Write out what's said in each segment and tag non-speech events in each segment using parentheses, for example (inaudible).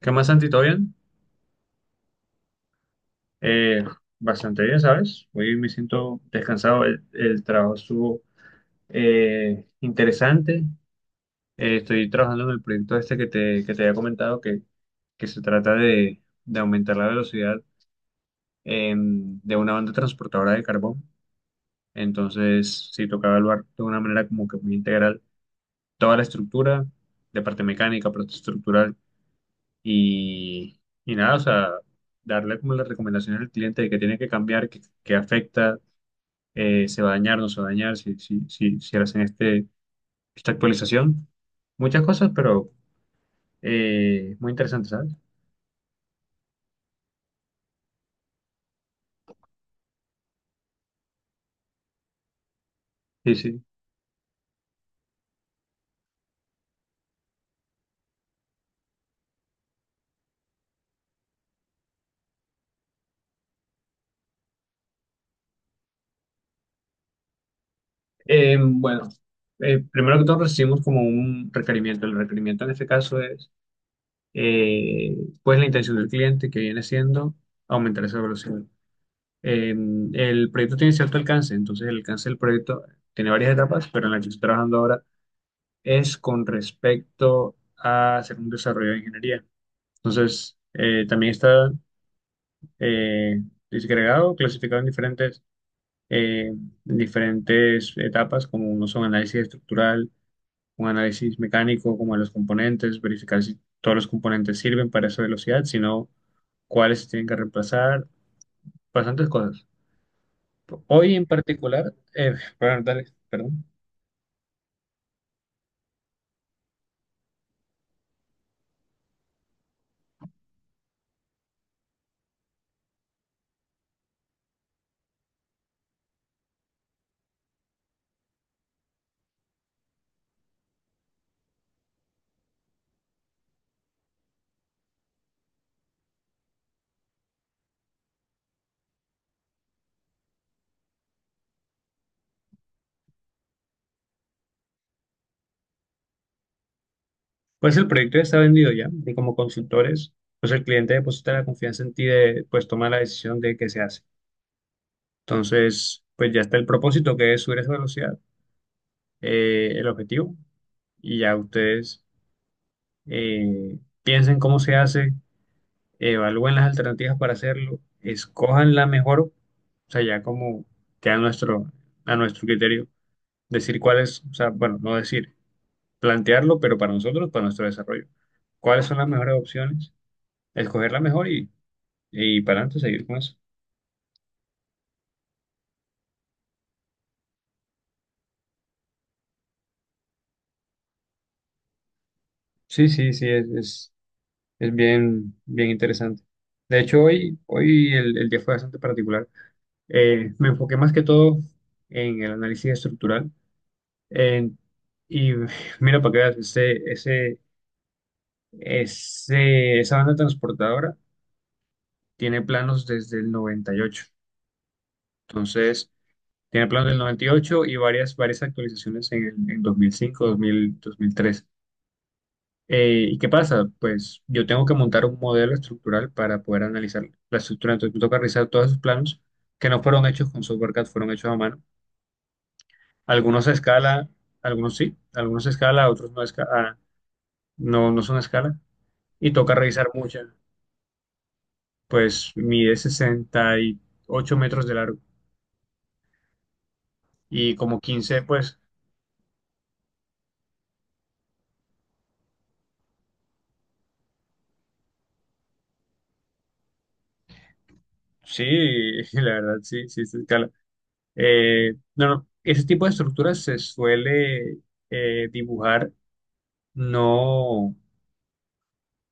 ¿Qué más, Santi? ¿Todo bien? Eh, Bastante bien, ¿sabes? Hoy me siento descansado. El trabajo estuvo interesante. Estoy trabajando en el proyecto este que te había comentado, que se trata de aumentar la velocidad de una banda transportadora de carbón. Entonces, sí, tocaba evaluar de una manera como que muy integral toda la estructura, de parte mecánica, parte estructural. Y, y nada, o sea, darle como la recomendación al cliente de que tiene que cambiar, que afecta, se va a dañar, no se va a dañar, si hacen esta actualización. Muchas cosas, pero muy interesante, ¿sabes? Sí, sí. Bueno, primero que todo recibimos como un requerimiento. El requerimiento en este caso es, eh, pues, la intención del cliente que viene siendo aumentar esa velocidad. Eh, el proyecto tiene cierto alcance, entonces el alcance del proyecto tiene varias etapas, pero en la que estoy trabajando ahora es con respecto a hacer un desarrollo de ingeniería. Entonces, también está eh, disgregado, clasificado en diferentes etapas, como uno son análisis estructural, un análisis mecánico, como de los componentes, verificar si todos los componentes sirven para esa velocidad, sino cuáles se tienen que reemplazar, bastantes cosas. Hoy en particular, bueno, dale, perdón. Pues el proyecto ya está vendido ya, y como consultores, pues el cliente deposita la confianza en ti de, pues toma la decisión de qué se hace. Entonces, pues ya está el propósito que es subir esa velocidad, el objetivo, y ya ustedes piensen cómo se hace, evalúen las alternativas para hacerlo, escojan la mejor, o sea, ya como queda a nuestro criterio, decir cuál es, o sea, bueno, no decir. Plantearlo, pero para nosotros, para nuestro desarrollo. ¿Cuáles son las mejores opciones? Escoger la mejor y para adelante seguir con eso. Sí, sí, sí, es bien, bien interesante. De hecho, hoy el día fue bastante particular. Me enfoqué más que todo en el análisis estructural. en- y (sighs) (laughs) mira, para que veas, esa banda transportadora tiene planos desde el noventa y ocho. Entonces, tiene planos del noventa y ocho y varias actualizaciones en 2005, 2000, 2003. ¿Y qué pasa? Pues yo tengo que montar un modelo estructural para poder analizar la estructura. Entonces me toca revisar todos esos planos que no fueron hechos con software CAD, fueron hechos a mano. Algunos a escala, algunos sí, algunos a escala, otros no, ah, no, no son a escala. Y toca revisar muchas. Pues mide 68 metros de largo y como 15 pues sí, (laughs) la verdad sí, sí es a escala. No, no, ese tipo de estructuras se suele dibujar no,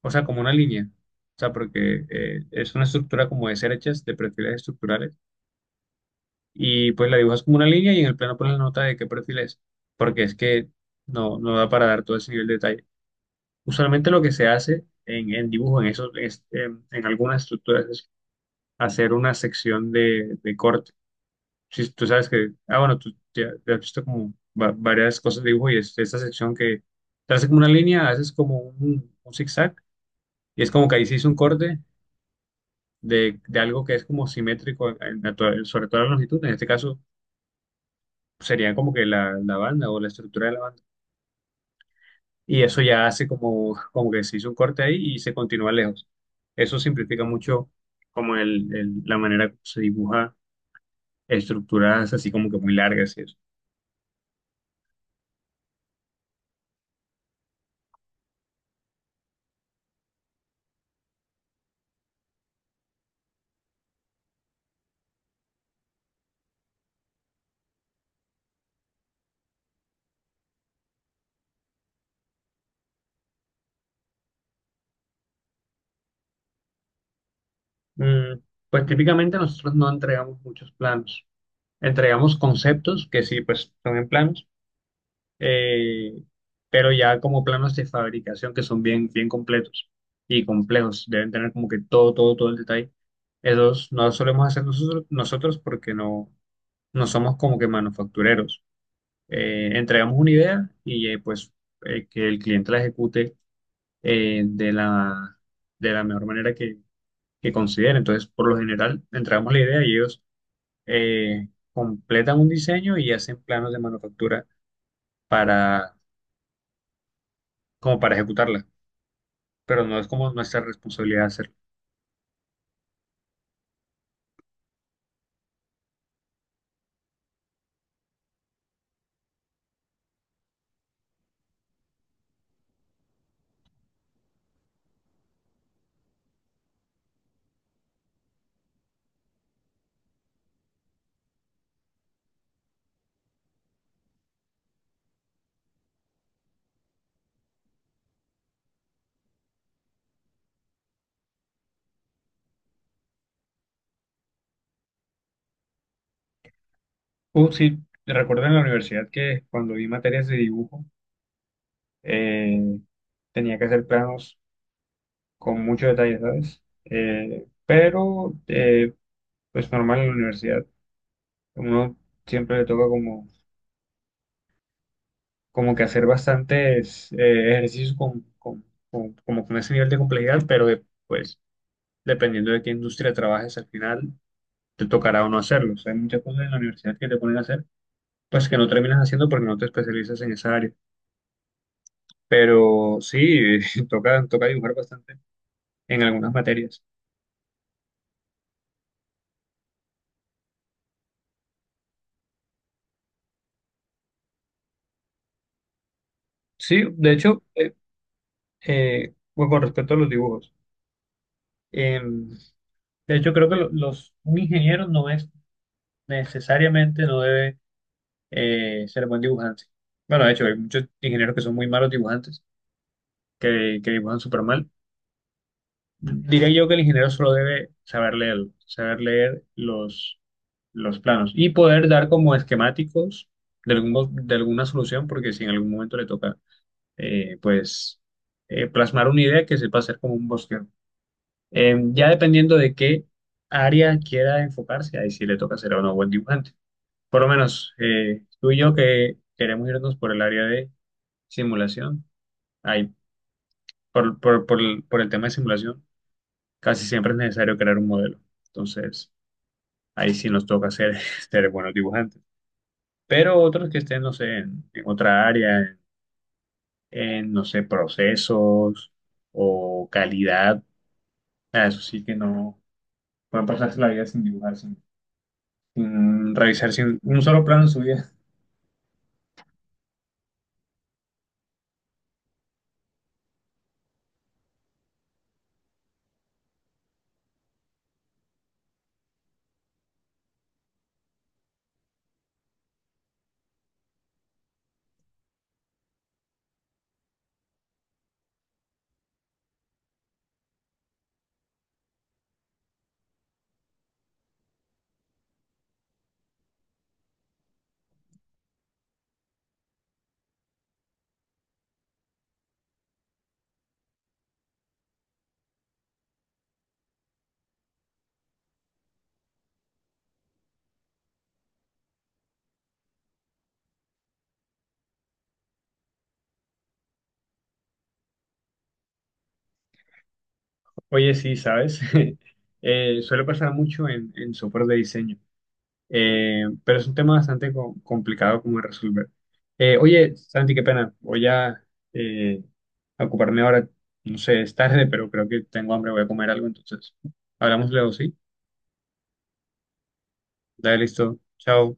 o sea, como una línea, o sea, porque es una estructura como de cerchas de perfiles estructurales, y pues la dibujas como una línea y en el plano pones la nota de qué perfil es, porque es que no, no da para dar todo ese nivel de detalle. Usualmente lo que se hace en dibujo, en algunas estructuras, es hacer una sección corte. Sí tú sabes que, ah, bueno, tú ya, ya has visto como varias cosas de dibujo y es esta sección que te hace como una línea, haces como un zigzag y es como que ahí se hizo un corte de algo que es como simétrico en la to- sobre toda la longitud, en este caso sería como que la banda o la estructura de la banda y eso ya hace como, como que se hizo un corte ahí y se continúa lejos. Eso simplifica mucho como la manera como se dibuja estructuras así como que muy largas y eso. Mm, Pues típicamente nosotros no entregamos muchos planos, entregamos conceptos que sí, pues son en planos, eh, pero ya como planos de fabricación que son bien, bien completos y complejos, deben tener como que todo, todo, todo el detalle. Esos no los solemos hacer nosotros porque no somos como que manufactureros. Entregamos una idea y pues que el cliente la ejecute eh, de la, de la mejor manera que considere. Entonces, por lo general, entregamos la idea y ellos completan un diseño y hacen planos de manufactura para, como para ejecutarla, pero no es como nuestra responsabilidad hacerlo. Sí, recuerdo en la universidad que cuando vi materias de dibujo, eh, tenía que hacer planos con mucho detalle, ¿sabes? Pero, pues normal en la universidad, uno siempre le toca como, como que hacer bastantes ejercicios como con ese nivel de complejidad, pero de, pues dependiendo de qué industria trabajes al final, te tocará o no hacerlo. O sea, hay muchas cosas en la universidad que te ponen a hacer, pues que no terminas haciendo porque no te especializas en esa área. Pero sí, (laughs) toca dibujar bastante en algunas materias. Sí, de hecho, bueno, con respecto a los dibujos, em, de hecho creo que un ingeniero no es necesariamente, no debe ser buen dibujante. Bueno, de hecho, hay muchos ingenieros que son muy malos dibujantes, que dibujan súper mal. Diría yo que el ingeniero solo debe saber leer los planos y poder dar como esquemáticos de, de alguna solución, porque si en algún momento le toca, pues, plasmar una idea que sepa hacer como un bosquejo. Ya dependiendo de qué área quiera enfocarse, ahí sí le toca ser o no buen dibujante. Por lo menos tú y yo que queremos irnos por el área de simulación, ahí, por el tema de simulación, casi siempre es necesario crear un modelo. Entonces, ahí sí nos toca ser, (laughs) ser buenos dibujantes. Pero otros que estén, no sé, en otra área, no sé, procesos o calidad, ah, eso sí que no pueden pasarse la vida sin dibujar, sin revisar sin un solo plano en su vida. (laughs) Oye, sí, ¿sabes? (laughs) Suele pasar mucho en software de diseño. Pero es un tema bastante complicado como de resolver. Oye, Santi, qué pena. Voy eh, a ocuparme ahora. No sé, es tarde, pero creo que tengo hambre. Voy a comer algo, entonces. Hablamos luego, ¿sí? Dale, listo. Chao.